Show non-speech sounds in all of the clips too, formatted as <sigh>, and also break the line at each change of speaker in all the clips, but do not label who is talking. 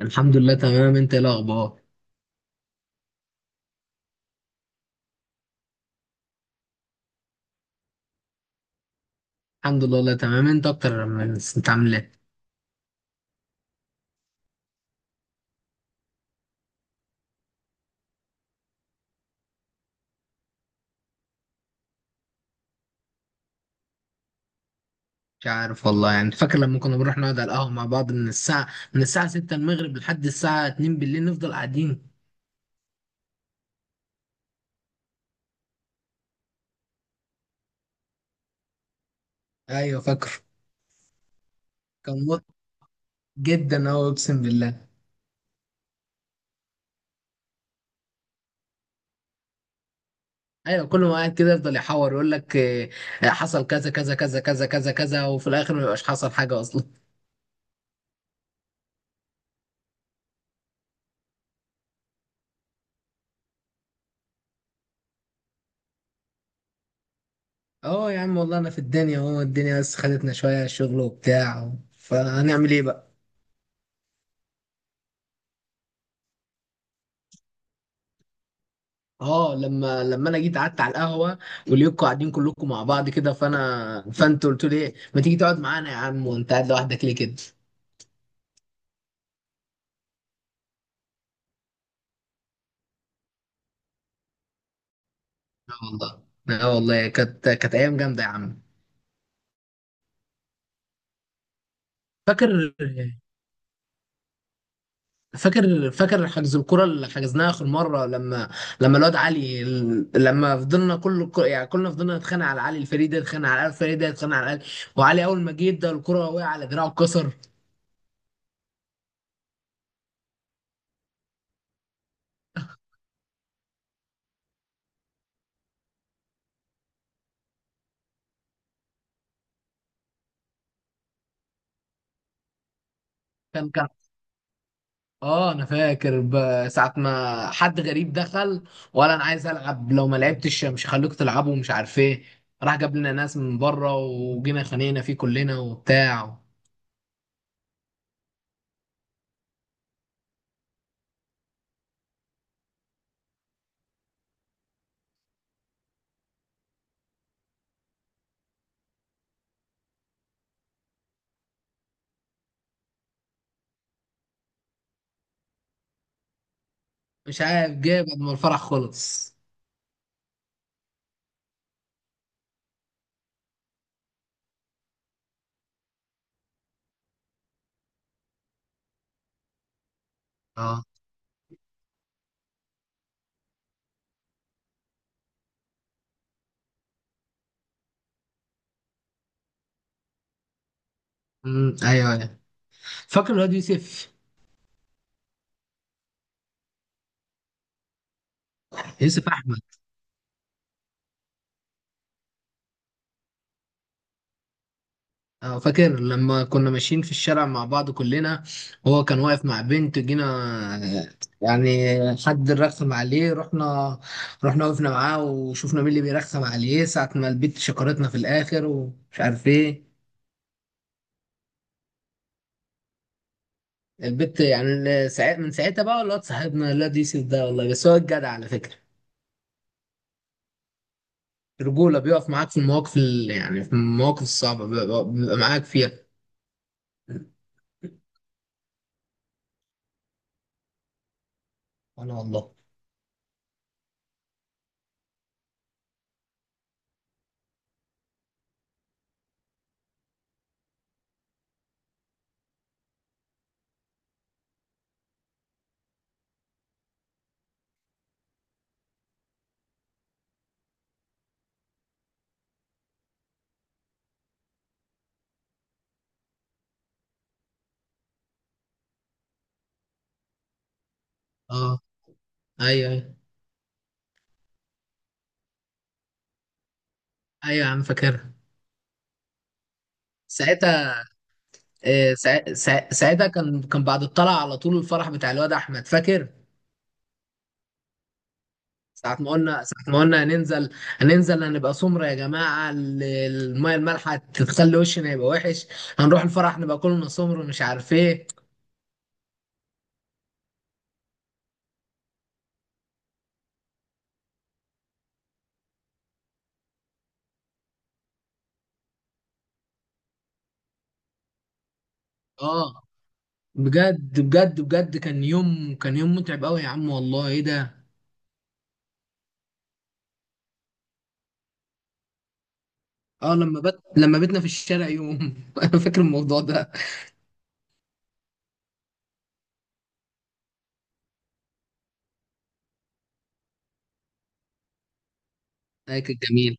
الحمد لله تمام، انت ايه الاخبار؟ الحمد لله والله تمام. انت اكتر انت عامل ايه؟ مش عارف والله، يعني فاكر لما كنا بنروح نقعد على القهوه مع بعض من الساعه 6 المغرب لحد الساعه 2 بالليل نفضل قاعدين. ايوه فاكر. كان مط جدا، هو اقسم بالله. ايوه كل ما قاعد كده يفضل يحور يقول لك اه، حصل كذا كذا كذا كذا كذا كذا وفي الاخر ما يبقاش حصل حاجه اصلا. اه يا عم والله انا في الدنيا اهو، الدنيا بس خدتنا شويه شغل وبتاع، فهنعمل ايه بقى. اه لما انا جيت قعدت على القهوه وليكوا قاعدين كلكم مع بعض كده، فانت قلت لي إيه، ما تيجي تقعد معانا يا عم وانت قاعد لوحدك ليه كده. اه والله. اه والله كانت ايام جامده يا عم. فاكر، فاكر. فاكر حجز الكرة اللي حجزناها اخر مره الواد علي، لما فضلنا كل يعني كلنا فضلنا نتخانق على علي، الفريق ده يتخانق على علي، الفريق ده يتخانق على علي، وعلي اول ما جه ادى الكرة وقع على دراعه اتكسر. كان اه انا فاكر ساعة ما حد غريب دخل، ولا انا عايز العب، لو ما لعبتش مش هخليكوا تلعبوا ومش عارف ايه. راح جاب لنا ناس من بره وجينا خانينا فيه كلنا وبتاع. مش عارف جاب قبل ما الفرح خلص. اه. ايوه ايوه. فاكر الواد يوسف؟ يوسف احمد. آه، فاكر لما كنا ماشيين في الشارع مع بعض كلنا، هو كان واقف مع بنت جينا، آه، يعني حد رخم عليه، رحنا وقفنا معاه وشفنا مين اللي بيرخم عليه ساعة ما البت شكرتنا في الآخر ومش عارف ايه. البت يعني من ساعتها بقى الواد صاحبنا، الواد يوسف ده والله بس هو الجدع على فكرة. رجولة، بيقف معاك في المواقف يعني في المواقف الصعبة بيبقى معاك فيها. أنا والله. اه. ايوه ايوه. ايوه يا عم فاكرها. ساعتها. آه، ساعتها كان بعد الطلعة على طول الفرح بتاع الواد أحمد فاكر؟ ساعة ما قلنا هننزل، هننزل هنبقى سمرة يا جماعة، المية المالحة تخلي وشنا يبقى وحش، هنروح الفرح نبقى كلنا سمر ومش عارف ايه. اه بجد بجد بجد، كان يوم متعب قوي يا عم والله، ايه ده. اه لما بتنا في الشارع يوم <laughs> انا فاكر الموضوع ده. آه، كان جميل،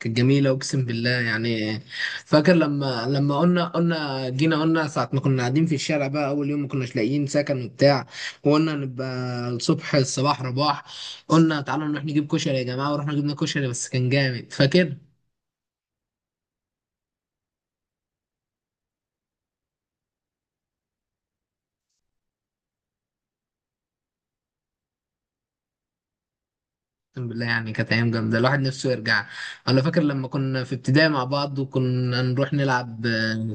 كانت جميلة أقسم بالله يعني. فاكر لما قلنا جينا قلنا ساعة ما كنا قاعدين في الشارع بقى أول يوم ما كناش لاقيين سكن وبتاع، وقلنا نبقى الصبح الصباح رباح، قلنا تعالوا نروح نجيب كشري يا جماعة، ورحنا جبنا كشري بس كان جامد فاكر؟ أقسم بالله يعني كانت أيام جامدة الواحد نفسه يرجع. ولا فاكر لما كنا في ابتدائي مع بعض وكنا نروح نلعب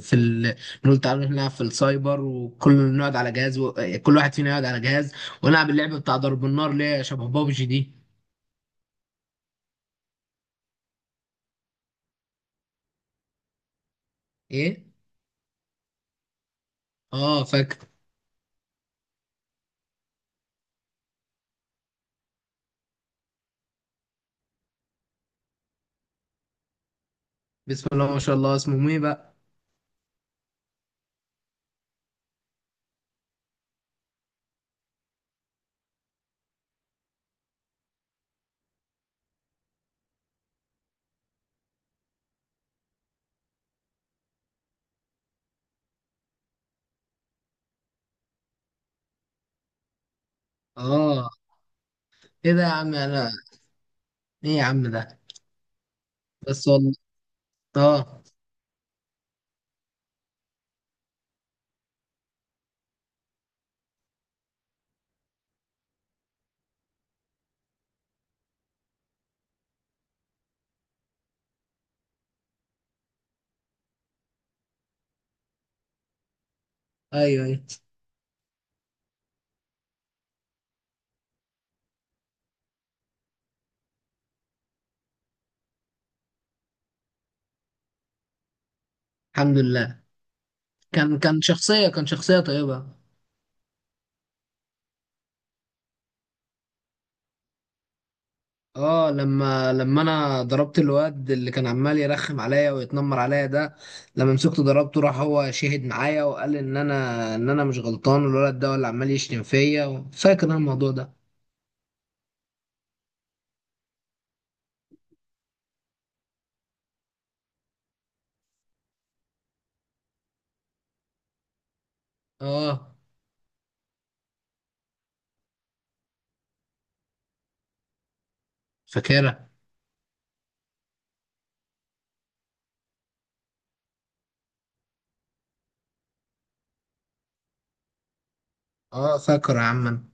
في ال... نقول تعالوا نروح نلعب في السايبر، وكل نقعد على جهاز و... كل واحد فينا يقعد على جهاز ونلعب اللعبة بتاع ضرب النار اللي هي شبه بابجي دي. ايه. اه فاكر. بسم الله ما شاء الله، اسمه مي بقى. اه. ايه ده يا عم انا. ايه يا عم ده. بس والله. اه. ايوه ايوه. الحمد لله. كان شخصيه طيبه. اه لما انا ضربت الواد اللي كان عمال يرخم عليا ويتنمر عليا ده، لما مسكته ضربته راح هو شهد معايا وقال ان انا مش غلطان والولد ده هو اللي عمال يشتم فيا، فاكر انا الموضوع ده. اه فاكرها. اه فاكر يا عم أنا.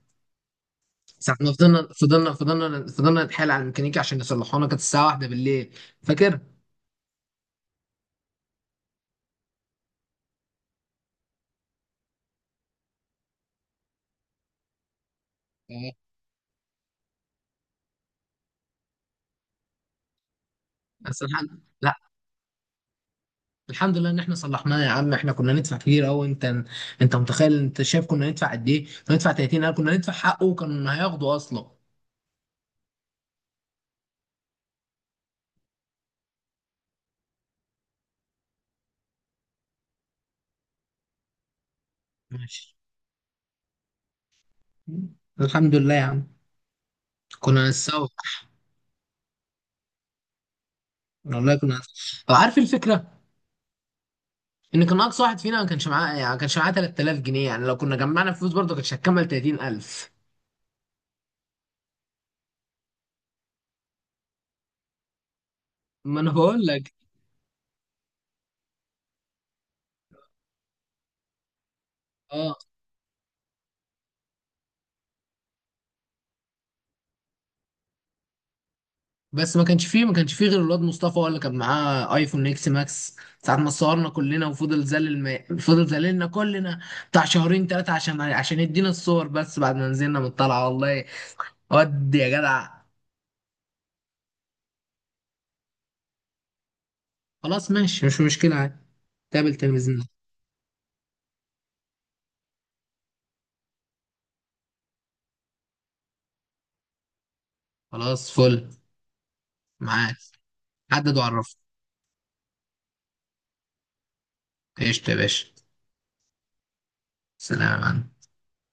ساعة ما فضلنا فضلنا نتحايل على الميكانيكي عشان يصلحونا كانت الساعة واحدة بالليل فاكر؟ اه بس الحمد لا الحمد لله ان احنا صلحناه يا عم، احنا كنا ندفع كتير قوي. انت متخيل انت شايف كنا ندفع قد ايه؟ كنا ندفع 30، كنا ندفع حقه وكان هياخده اصلا. ماشي، الحمد لله يا عم. كنا نتسوق. والله كنا نتسوق. أو عارف الفكرة، ان كان اقصى واحد فينا ما كانش معاه يعني ما كانش معاه 3000 جنيه، يعني لو كنا جمعنا فلوس برضه كانتش هتكمل 30,000. ما انا بقول لك. اه بس ما كانش فيه غير الواد مصطفى هو اللي كان معاه ايفون اكس ماكس. ساعة ما صورنا كلنا وفضل زلل ما... فضل زللنا كلنا بتاع ثلاثة عشان يدينا الصور بس بعد ما نزلنا من الطلعة والله. ود يا جدع. خلاص ماشي، مش مشكلة عادي. تقابل تلفزيون. خلاص فل. معاك. حدد وعرفني. قشطة يا باشا. سلام.